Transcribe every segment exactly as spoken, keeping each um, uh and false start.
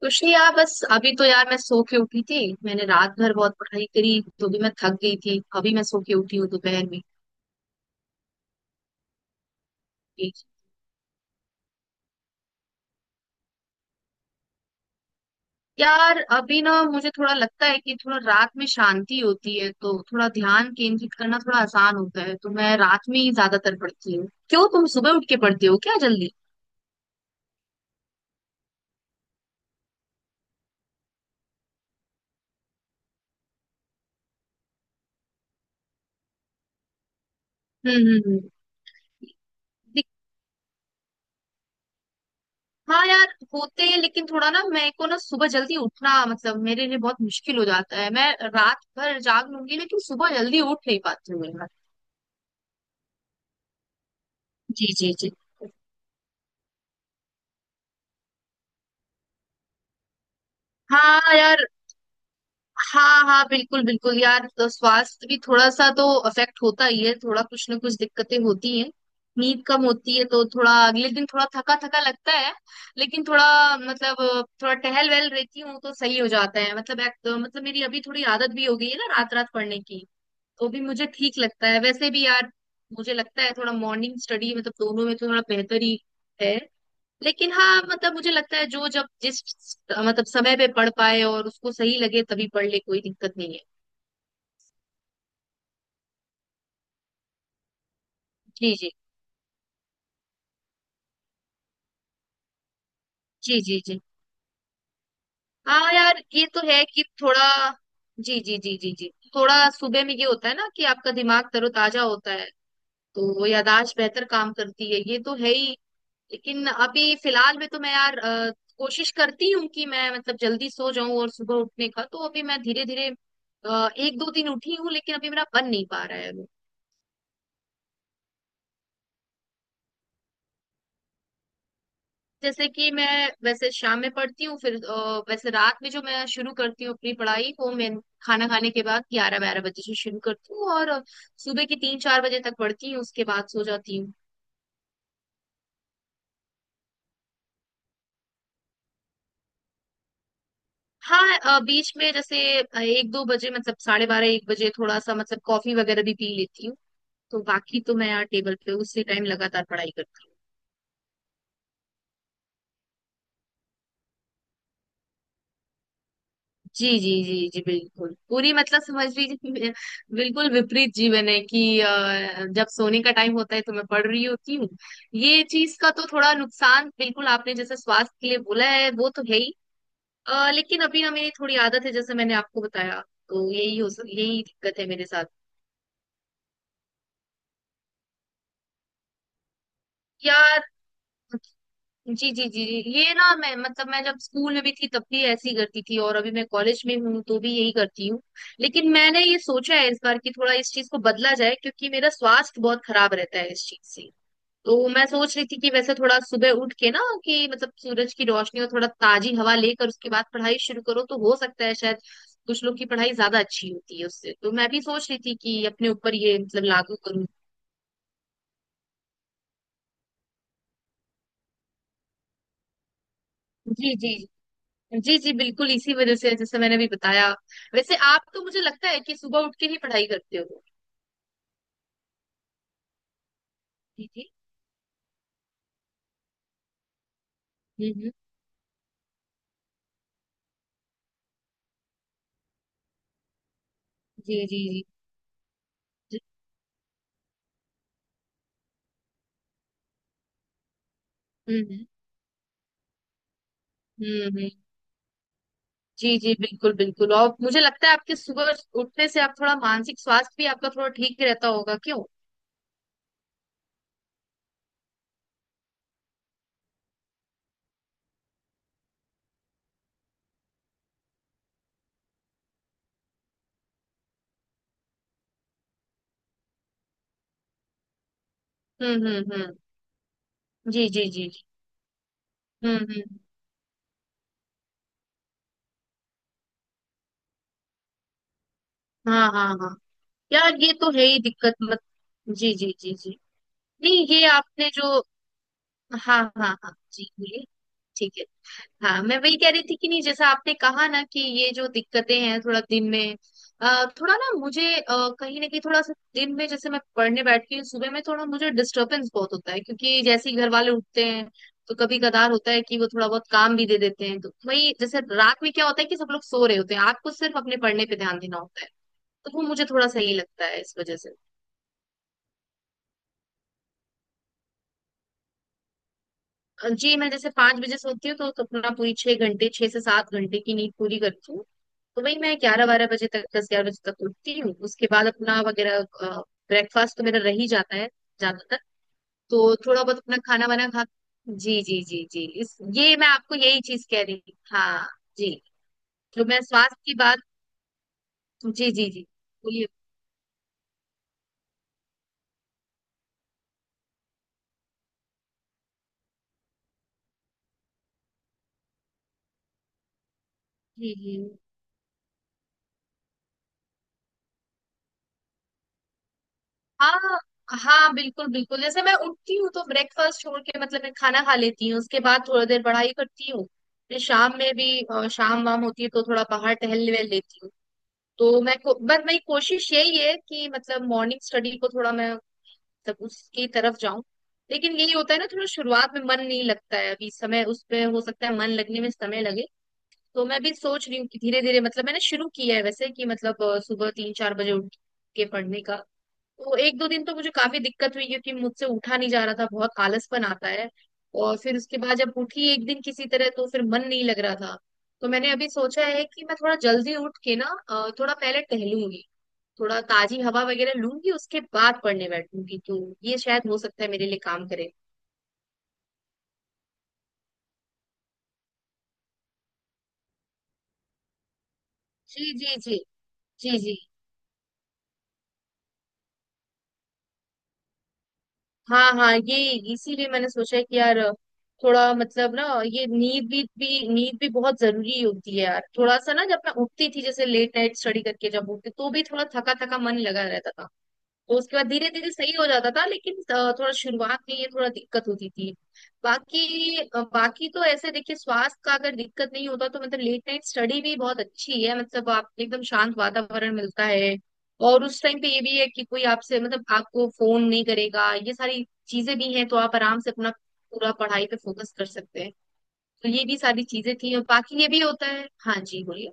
कुछ नहीं यार, बस अभी तो यार मैं सो के उठी थी। मैंने रात भर बहुत पढ़ाई करी तो भी मैं थक गई थी। अभी मैं सो के उठी हूँ दोपहर में। यार अभी ना मुझे थोड़ा लगता है कि थोड़ा रात में शांति होती है तो थोड़ा ध्यान केंद्रित करना थोड़ा आसान होता है, तो मैं रात में ही ज्यादातर पढ़ती हूँ। क्यों, तुम सुबह उठ के पढ़ती हो क्या जल्दी? हम्म हम्म हम्म। दिक- हाँ यार, होते हैं लेकिन थोड़ा ना मेरे को ना सुबह जल्दी उठना मतलब मेरे लिए बहुत मुश्किल हो जाता है। मैं रात भर जाग लूंगी लेकिन सुबह जल्दी उठ नहीं पाती हूँ। जी जी जी। हाँ यार, हाँ हाँ बिल्कुल बिल्कुल यार, तो स्वास्थ्य भी थोड़ा सा तो अफेक्ट होता ही है। थोड़ा कुछ ना कुछ दिक्कतें होती हैं, नींद कम होती है तो थोड़ा अगले दिन थोड़ा थका थका लगता है। लेकिन थोड़ा मतलब थोड़ा टहल वहल रहती हूँ तो सही हो जाता है। मतलब एक, मतलब मेरी अभी थोड़ी आदत भी हो गई है ना रात रात पढ़ने की, तो भी मुझे ठीक लगता है वैसे भी यार। मुझे लगता है थोड़ा मॉर्निंग स्टडी मतलब दोनों में तो थोड़ा बेहतर ही है। लेकिन हाँ मतलब मुझे लगता है जो जब जिस मतलब समय पे पढ़ पाए और उसको सही लगे तभी पढ़ ले, कोई दिक्कत नहीं है। जी जी जी जी जी। हाँ यार, ये तो है कि थोड़ा। जी जी जी जी जी। थोड़ा सुबह में ये होता है ना कि आपका दिमाग तरोताजा होता है, तो वो याददाश्त बेहतर काम करती है, ये तो है ही। लेकिन अभी फिलहाल में तो मैं यार अ, कोशिश करती हूँ कि मैं मतलब जल्दी सो जाऊं, और सुबह उठने का तो अभी मैं धीरे धीरे एक दो दिन उठी हूँ लेकिन अभी मेरा बन नहीं पा रहा है। जैसे कि मैं वैसे शाम में पढ़ती हूँ, फिर अ, वैसे रात में जो मैं शुरू करती हूँ अपनी पढ़ाई वो मैं खाना खाने के बाद ग्यारह बारह बजे से शुरू करती हूँ, और अ, सुबह की तीन चार बजे तक पढ़ती हूँ, उसके बाद सो जाती हूँ। हाँ अ, बीच में जैसे अ, एक दो बजे मतलब साढ़े बारह एक बजे थोड़ा सा मतलब कॉफी वगैरह भी पी लेती हूँ। तो बाकी तो मैं यार टेबल पे उसी टाइम लगातार पढ़ाई करती हूँ। जी जी जी जी, बिल्कुल पूरी मतलब समझ लीजिए, बिल्कुल विपरीत जीवन है कि अ, जब सोने का टाइम होता है तो मैं पढ़ रही होती हूँ। ये चीज का तो थोड़ा नुकसान बिल्कुल आपने जैसे स्वास्थ्य के लिए बोला है, वो तो है ही। अ, लेकिन अभी ना मेरी थोड़ी आदत है जैसे मैंने आपको बताया, तो यही हो यही दिक्कत है मेरे साथ यार। जी जी जी जी। ये ना मैं मतलब मैं जब स्कूल में भी थी तब भी ऐसे ही करती थी, और अभी मैं कॉलेज में हूँ तो भी यही करती हूँ। लेकिन मैंने ये सोचा है इस बार कि थोड़ा इस चीज को बदला जाए क्योंकि मेरा स्वास्थ्य बहुत खराब रहता है इस चीज से। तो मैं सोच रही थी कि वैसे थोड़ा सुबह उठ के ना, कि मतलब सूरज की रोशनी और थोड़ा ताजी हवा लेकर उसके बाद पढ़ाई शुरू करो तो हो सकता है शायद कुछ लोग की पढ़ाई ज्यादा अच्छी होती है उससे, तो मैं भी सोच रही थी कि अपने ऊपर ये मतलब लागू करूँ। जी जी। जी जी बिल्कुल इसी वजह से जैसे मैंने अभी बताया। वैसे आप तो मुझे लगता है कि सुबह उठ के ही पढ़ाई करते हो। जी जी। हम्म। जी जी जी। हम्म हम्म हम्म। जी जी, बिल्कुल बिल्कुल, और मुझे लगता है आपके सुबह उठने से आप थोड़ा मानसिक स्वास्थ्य भी आपका थोड़ा ठीक रहता होगा क्यों? हम्म हम्म हम्म। जी जी जी जी। हम्म हम्म। हाँ हाँ हाँ। यार ये तो है ही दिक्कत मत। जी जी जी जी। नहीं ये आपने जो। हाँ हाँ हाँ जी बोलिए। ठीक है, हाँ मैं वही कह रही थी कि नहीं जैसा आपने कहा ना कि ये जो दिक्कतें हैं थोड़ा दिन में, अ, थोड़ा ना मुझे अ, कहीं ना कहीं थोड़ा सा दिन में जैसे मैं पढ़ने बैठती हूँ सुबह में थोड़ा मुझे डिस्टरबेंस बहुत होता है क्योंकि जैसे ही घर वाले उठते हैं तो कभी कदार होता है कि वो थोड़ा बहुत काम भी दे देते हैं। तो वही जैसे रात में क्या होता है कि सब लोग सो रहे होते हैं, आपको सिर्फ अपने पढ़ने पे ध्यान देना होता है, तो वो मुझे थोड़ा सही लगता है इस वजह से। जी, मैं जैसे पांच बजे सोती हूँ तो तो अपना पूरी छह घंटे छह से सात घंटे की नींद पूरी करती हूँ, तो वही मैं ग्यारह बारह बजे तक दस ग्यारह बजे तक उठती हूँ, उसके बाद अपना वगैरह ब्रेकफास्ट तो मेरा रह ही जाता है ज्यादातर, तो थोड़ा बहुत अपना खाना वाना खा। जी जी जी जी, इस ये मैं आपको यही चीज कह रही थी हाँ। जी, जो मैं स्वास्थ्य की बात। जी जी जी बोलिए। जी जी। हाँ हाँ बिल्कुल बिल्कुल, जैसे मैं उठती हूँ तो ब्रेकफास्ट छोड़ के मतलब मैं खाना खा लेती हूँ, उसके बाद थोड़ी देर पढ़ाई करती हूँ। फिर शाम में भी अ, शाम वाम होती है तो थोड़ा बाहर टहल वहल लेती हूँ। तो मैं को, बस मेरी कोशिश यही है कि मतलब मॉर्निंग स्टडी को थोड़ा मैं मतलब उसकी तरफ जाऊं। लेकिन यही होता है ना थोड़ा शुरुआत में मन नहीं लगता है, अभी समय उस पे हो सकता है मन लगने में समय लगे। तो मैं भी सोच रही हूँ कि धीरे धीरे मतलब मैंने शुरू किया है वैसे कि मतलब अ, सुबह तीन चार बजे उठ के पढ़ने का। तो एक दो दिन तो मुझे काफी दिक्कत हुई क्योंकि मुझसे उठा नहीं जा रहा था, बहुत आलसपन आता है। और फिर उसके बाद जब उठी एक दिन किसी तरह तो फिर मन नहीं लग रहा था। तो मैंने अभी सोचा है कि मैं थोड़ा जल्दी उठ के ना अ, थोड़ा पहले टहलूंगी, थोड़ा ताजी हवा वगैरह लूंगी, उसके बाद पढ़ने बैठूंगी तो ये शायद हो सकता है मेरे लिए काम करे। जी जी जी जी जी। हाँ हाँ ये, इसीलिए मैंने सोचा कि यार थोड़ा मतलब ना ये नींद भी, भी नींद भी बहुत जरूरी होती है यार। थोड़ा सा ना जब मैं उठती थी जैसे लेट नाइट स्टडी करके जब उठती तो भी थोड़ा थका थका मन लगा रहता था। तो उसके बाद धीरे धीरे सही हो जाता था लेकिन अ, थोड़ा शुरुआत में ये थोड़ा दिक्कत होती थी। बाकी अ, बाकी तो ऐसे देखिए स्वास्थ्य का अगर दिक्कत नहीं होता तो मतलब लेट नाइट स्टडी भी बहुत अच्छी है, मतलब आप एकदम शांत वातावरण मिलता है, और उस टाइम पे ये भी है कि कोई आपसे मतलब आपको फोन नहीं करेगा, ये सारी चीजें भी हैं, तो आप आराम से अपना पूरा पढ़ाई पे फोकस कर सकते हैं। तो ये भी सारी चीजें थी और बाकी ये भी होता है। हाँ जी बोलिए।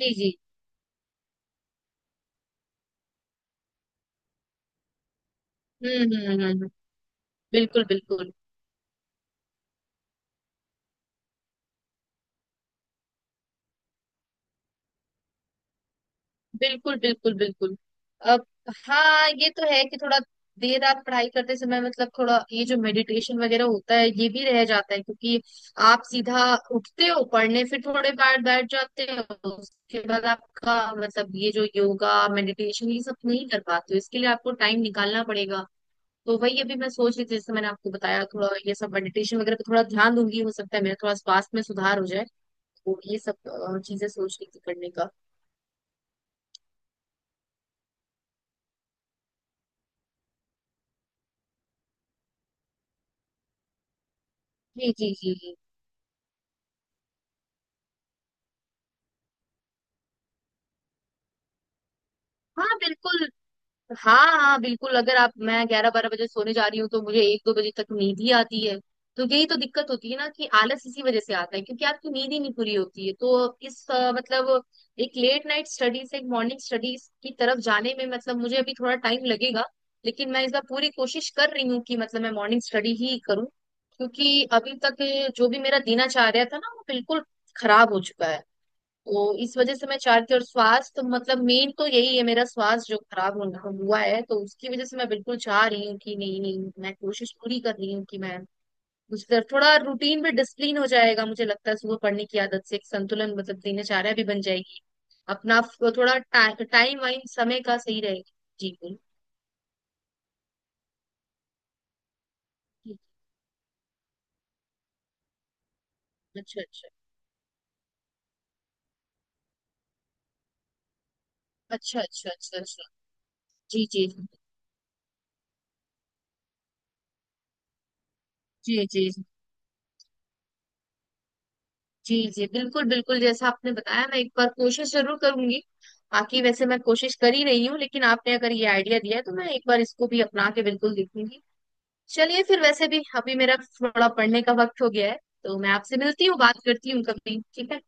जी जी। हम्म हम्म हम्म हम्म, बिल्कुल बिल्कुल बिल्कुल बिल्कुल बिल्कुल अब। हाँ ये तो है कि थोड़ा देर रात पढ़ाई करते समय मतलब थोड़ा ये जो मेडिटेशन वगैरह होता है ये भी रह जाता है, क्योंकि आप सीधा उठते हो पढ़ने फिर थोड़े बार बैठ जाते हो, उसके बाद आपका मतलब ये जो योगा मेडिटेशन ये सब नहीं कर पाते हो, इसके लिए आपको टाइम निकालना पड़ेगा। तो वही अभी मैं सोच रही थी जैसे मैंने आपको बताया, थोड़ा ये सब मेडिटेशन वगैरह पे थोड़ा ध्यान दूंगी, हो सकता है मेरा थोड़ा स्वास्थ्य में सुधार हो जाए, तो ये सब अ, चीजें सोच रही थी करने का। जी जी जी जी। हाँ बिल्कुल, हाँ हाँ बिल्कुल, अगर आप मैं ग्यारह बारह बजे सोने जा रही हूँ तो मुझे एक दो बजे तक नींद ही आती है। तो यही तो दिक्कत होती है ना कि आलस इसी वजह से आता है क्योंकि आपकी नींद ही नहीं पूरी होती है, तो इस अ, मतलब एक लेट नाइट स्टडी से एक मॉर्निंग स्टडीज की तरफ जाने में मतलब मुझे अभी थोड़ा टाइम लगेगा। लेकिन मैं इस बार पूरी कोशिश कर रही हूँ कि मतलब मैं मॉर्निंग स्टडी ही करूँ। क्योंकि अभी तक जो भी मेरा दिनचर्या था ना वो बिल्कुल खराब हो चुका है, तो इस वजह से मैं चाहती हूँ, और स्वास्थ्य मतलब मेन तो यही है, मेरा स्वास्थ्य जो खराब हो- हुआ है, तो उसकी वजह से मैं बिल्कुल चाह रही हूँ कि नहीं नहीं मैं कोशिश पूरी कर रही हूँ कि मैं उस तरफ थोड़ा रूटीन में डिसिप्लिन हो जाएगा, मुझे लगता है सुबह पढ़ने की आदत से एक संतुलन मतलब दिनचर्या भी बन जाएगी, अपना फ- थोड़ा टा, टाइम वाइम समय का सही रहेगा। जी बिल्कुल। अच्छा अच्छा अच्छा अच्छा। अच्छा अच्छा। जी जी। जी जी। जी जी, बिल्कुल बिल्कुल, जैसा आपने बताया मैं एक बार कोशिश जरूर करूंगी। बाकी वैसे मैं कोशिश कर ही रही हूँ, लेकिन आपने अगर ये आइडिया दिया है तो मैं एक बार इसको भी अपना के बिल्कुल देखूंगी। चलिए फिर वैसे भी अभी मेरा थोड़ा पढ़ने का वक्त हो गया है, तो मैं आपसे मिलती हूँ, बात करती हूँ कभी, ठीक है।